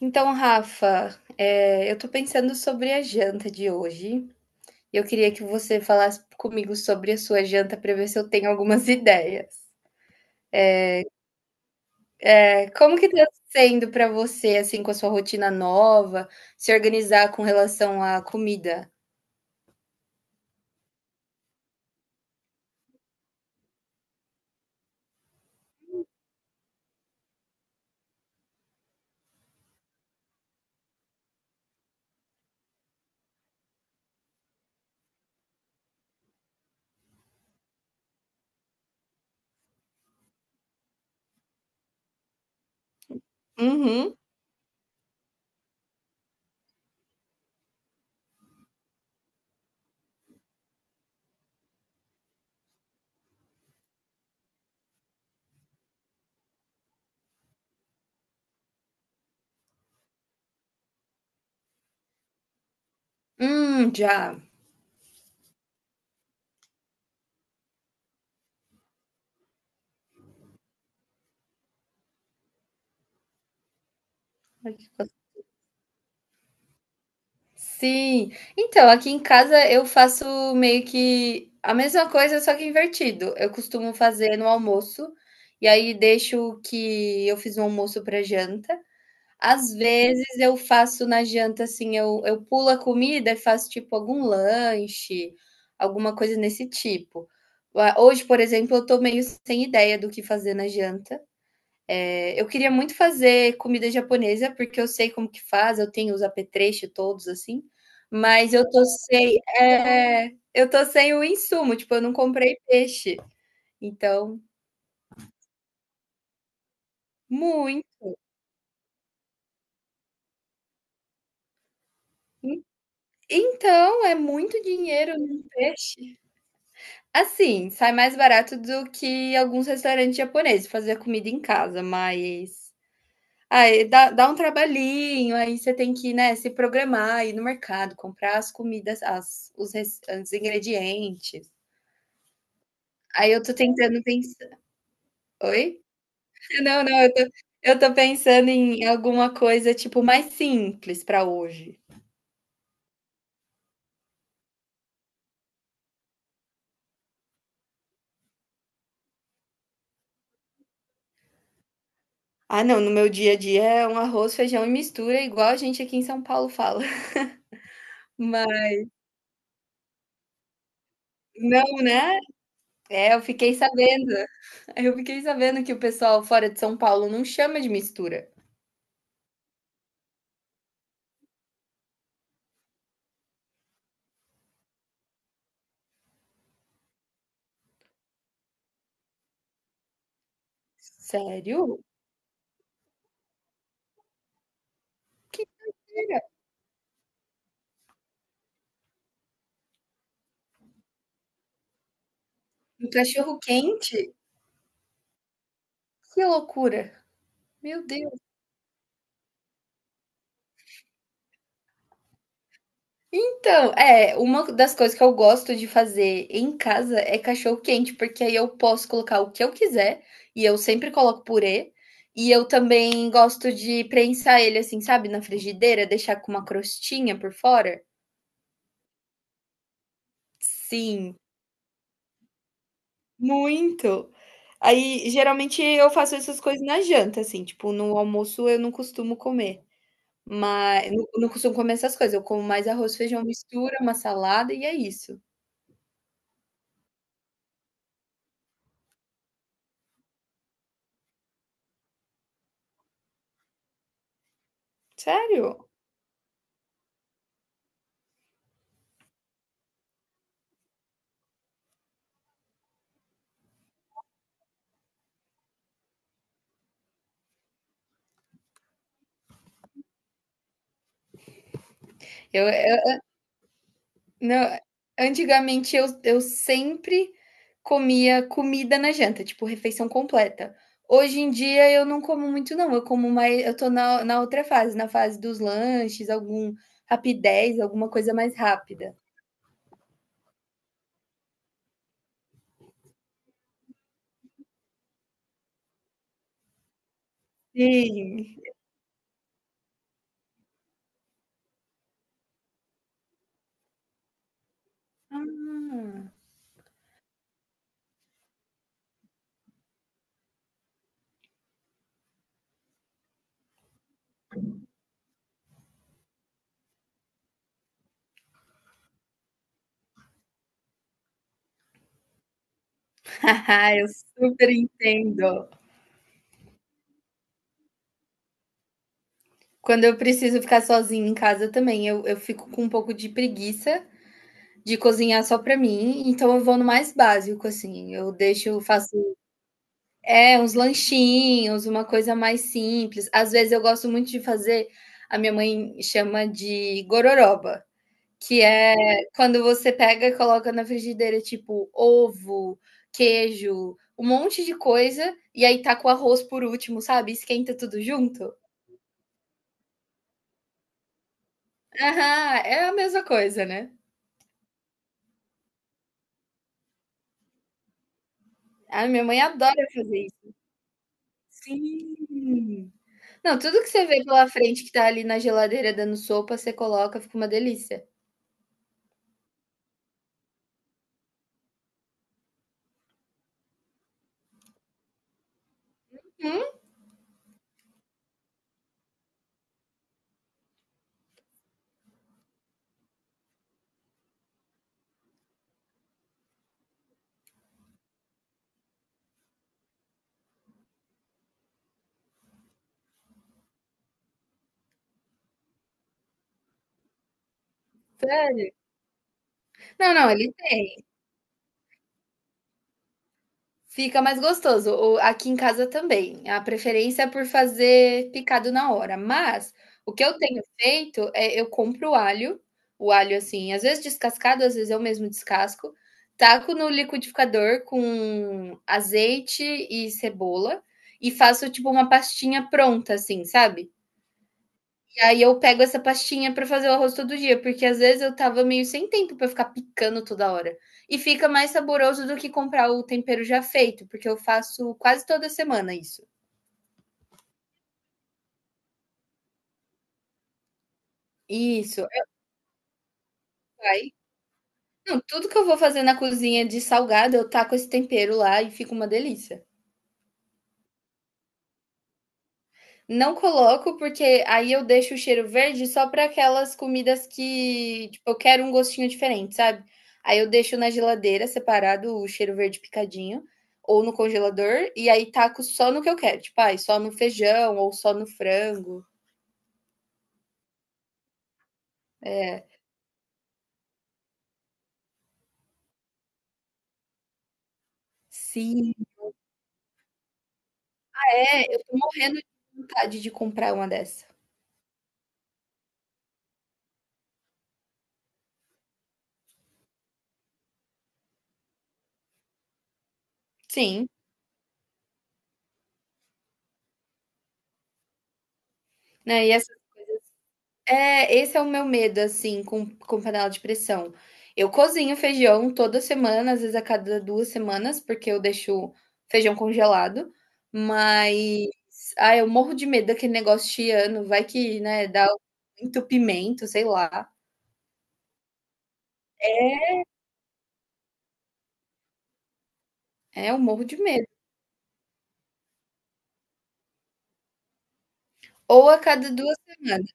Então, Rafa, eu tô pensando sobre a janta de hoje. Eu queria que você falasse comigo sobre a sua janta para ver se eu tenho algumas ideias. Como que tá sendo para você, assim, com a sua rotina nova, se organizar com relação à comida? Uhum. Já. Sim. Então, aqui em casa eu faço meio que a mesma coisa, só que invertido. Eu costumo fazer no almoço, e aí deixo o que eu fiz no almoço para janta. Às vezes eu faço na janta, assim, eu pulo a comida e faço, tipo, algum lanche, alguma coisa nesse tipo. Ah, hoje, por exemplo, eu tô meio sem ideia do que fazer na janta. Eu queria muito fazer comida japonesa, porque eu sei como que faz, eu tenho os apetrechos todos, assim, mas eu tô sem o insumo, tipo, eu não comprei peixe, então muito. Então, é muito dinheiro num peixe. Assim, sai mais barato do que alguns restaurantes japoneses, fazer comida em casa, mas aí dá um trabalhinho, aí você tem que, né, se programar, ir no mercado, comprar as comidas, as os res os ingredientes. Aí eu tô tentando pensar. Oi? Não, não, eu tô pensando em alguma coisa, tipo, mais simples pra hoje. Ah, não, no meu dia a dia é um arroz, feijão e mistura, igual a gente aqui em São Paulo fala. Mas não, né? É, eu fiquei sabendo. Eu fiquei sabendo que o pessoal fora de São Paulo não chama de mistura. Sério? Que era? Um cachorro quente? Que loucura. Meu Deus. Então, é, uma das coisas que eu gosto de fazer em casa é cachorro quente, porque aí eu posso colocar o que eu quiser e eu sempre coloco purê. E eu também gosto de prensar ele assim, sabe, na frigideira, deixar com uma crostinha por fora. Sim. Muito. Aí, geralmente, eu faço essas coisas na janta, assim, tipo, no almoço eu não costumo comer, mas não costumo comer essas coisas, eu como mais arroz, feijão, mistura, uma salada e é isso. Sério. Eu não, antigamente eu sempre comia comida na janta, tipo, refeição completa. Hoje em dia eu não como muito não, eu como mais eu tô na outra fase, na fase dos lanches, algum Rapidez, alguma coisa mais rápida. Sim. Eu super entendo. Quando eu preciso ficar sozinha em casa também, eu fico com um pouco de preguiça de cozinhar só pra mim, então eu vou no mais básico, assim, eu deixo eu faço uns lanchinhos, uma coisa mais simples. Às vezes eu gosto muito de fazer, a minha mãe chama de gororoba, que é quando você pega e coloca na frigideira, tipo, ovo, queijo, um monte de coisa, e aí taca o arroz por último, sabe, esquenta tudo junto. Aham, é a mesma coisa, né. A minha mãe adora fazer isso. Sim. Não, tudo que você vê pela frente que tá ali na geladeira dando sopa, você coloca, fica uma delícia. Hum, sério. Não, não, ele fica mais gostoso. O aqui em casa também. A preferência é por fazer picado na hora, mas o que eu tenho feito é eu compro o alho, assim, às vezes descascado, às vezes eu mesmo descasco, taco no liquidificador com azeite e cebola e faço tipo uma pastinha pronta, assim, sabe? E aí eu pego essa pastinha para fazer o arroz todo dia, porque às vezes eu tava meio sem tempo para ficar picando toda hora. E fica mais saboroso do que comprar o tempero já feito, porque eu faço quase toda semana isso. Isso, é, vai. Não, tudo que eu vou fazer na cozinha de salgado, eu taco esse tempero lá e fica uma delícia. Não coloco, porque aí eu deixo o cheiro verde só para aquelas comidas que, tipo, eu quero um gostinho diferente, sabe? Aí eu deixo na geladeira separado o cheiro verde picadinho, ou no congelador, e aí taco só no que eu quero, tipo, ai, só no feijão ou só no frango. É. Sim, é, eu tô morrendo de vontade de comprar uma dessa. Sim, né, É, esse é o meu medo, assim, com panela de pressão. Eu cozinho feijão toda semana, às vezes a cada 2 semanas, porque eu deixo feijão congelado, mas ah, eu morro de medo daquele negócio chiando, vai que, né, dá um entupimento, sei lá. É, é, eu morro de medo. Ou a cada 2 semanas.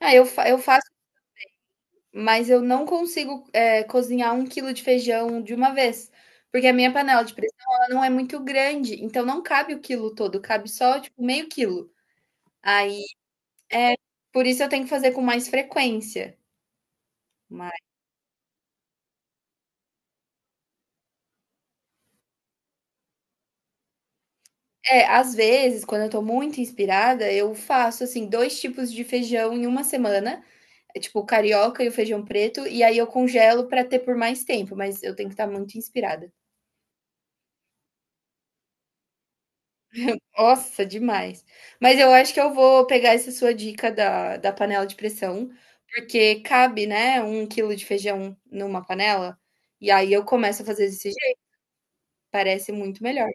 Ah, eu faço mas eu não consigo, cozinhar 1 quilo de feijão de uma vez, porque a minha panela de pressão ela não é muito grande, então não cabe o quilo todo, cabe só, tipo, meio quilo. Aí, é, por isso eu tenho que fazer com mais frequência. Mas às vezes, quando eu estou muito inspirada, eu faço, assim, 2 tipos de feijão em uma semana, tipo, o carioca e o feijão preto, e aí eu congelo pra ter por mais tempo, mas eu tenho que estar muito inspirada. Nossa, demais. Mas eu acho que eu vou pegar essa sua dica da panela de pressão, porque cabe, né, 1 quilo de feijão numa panela, e aí eu começo a fazer desse jeito, parece muito melhor.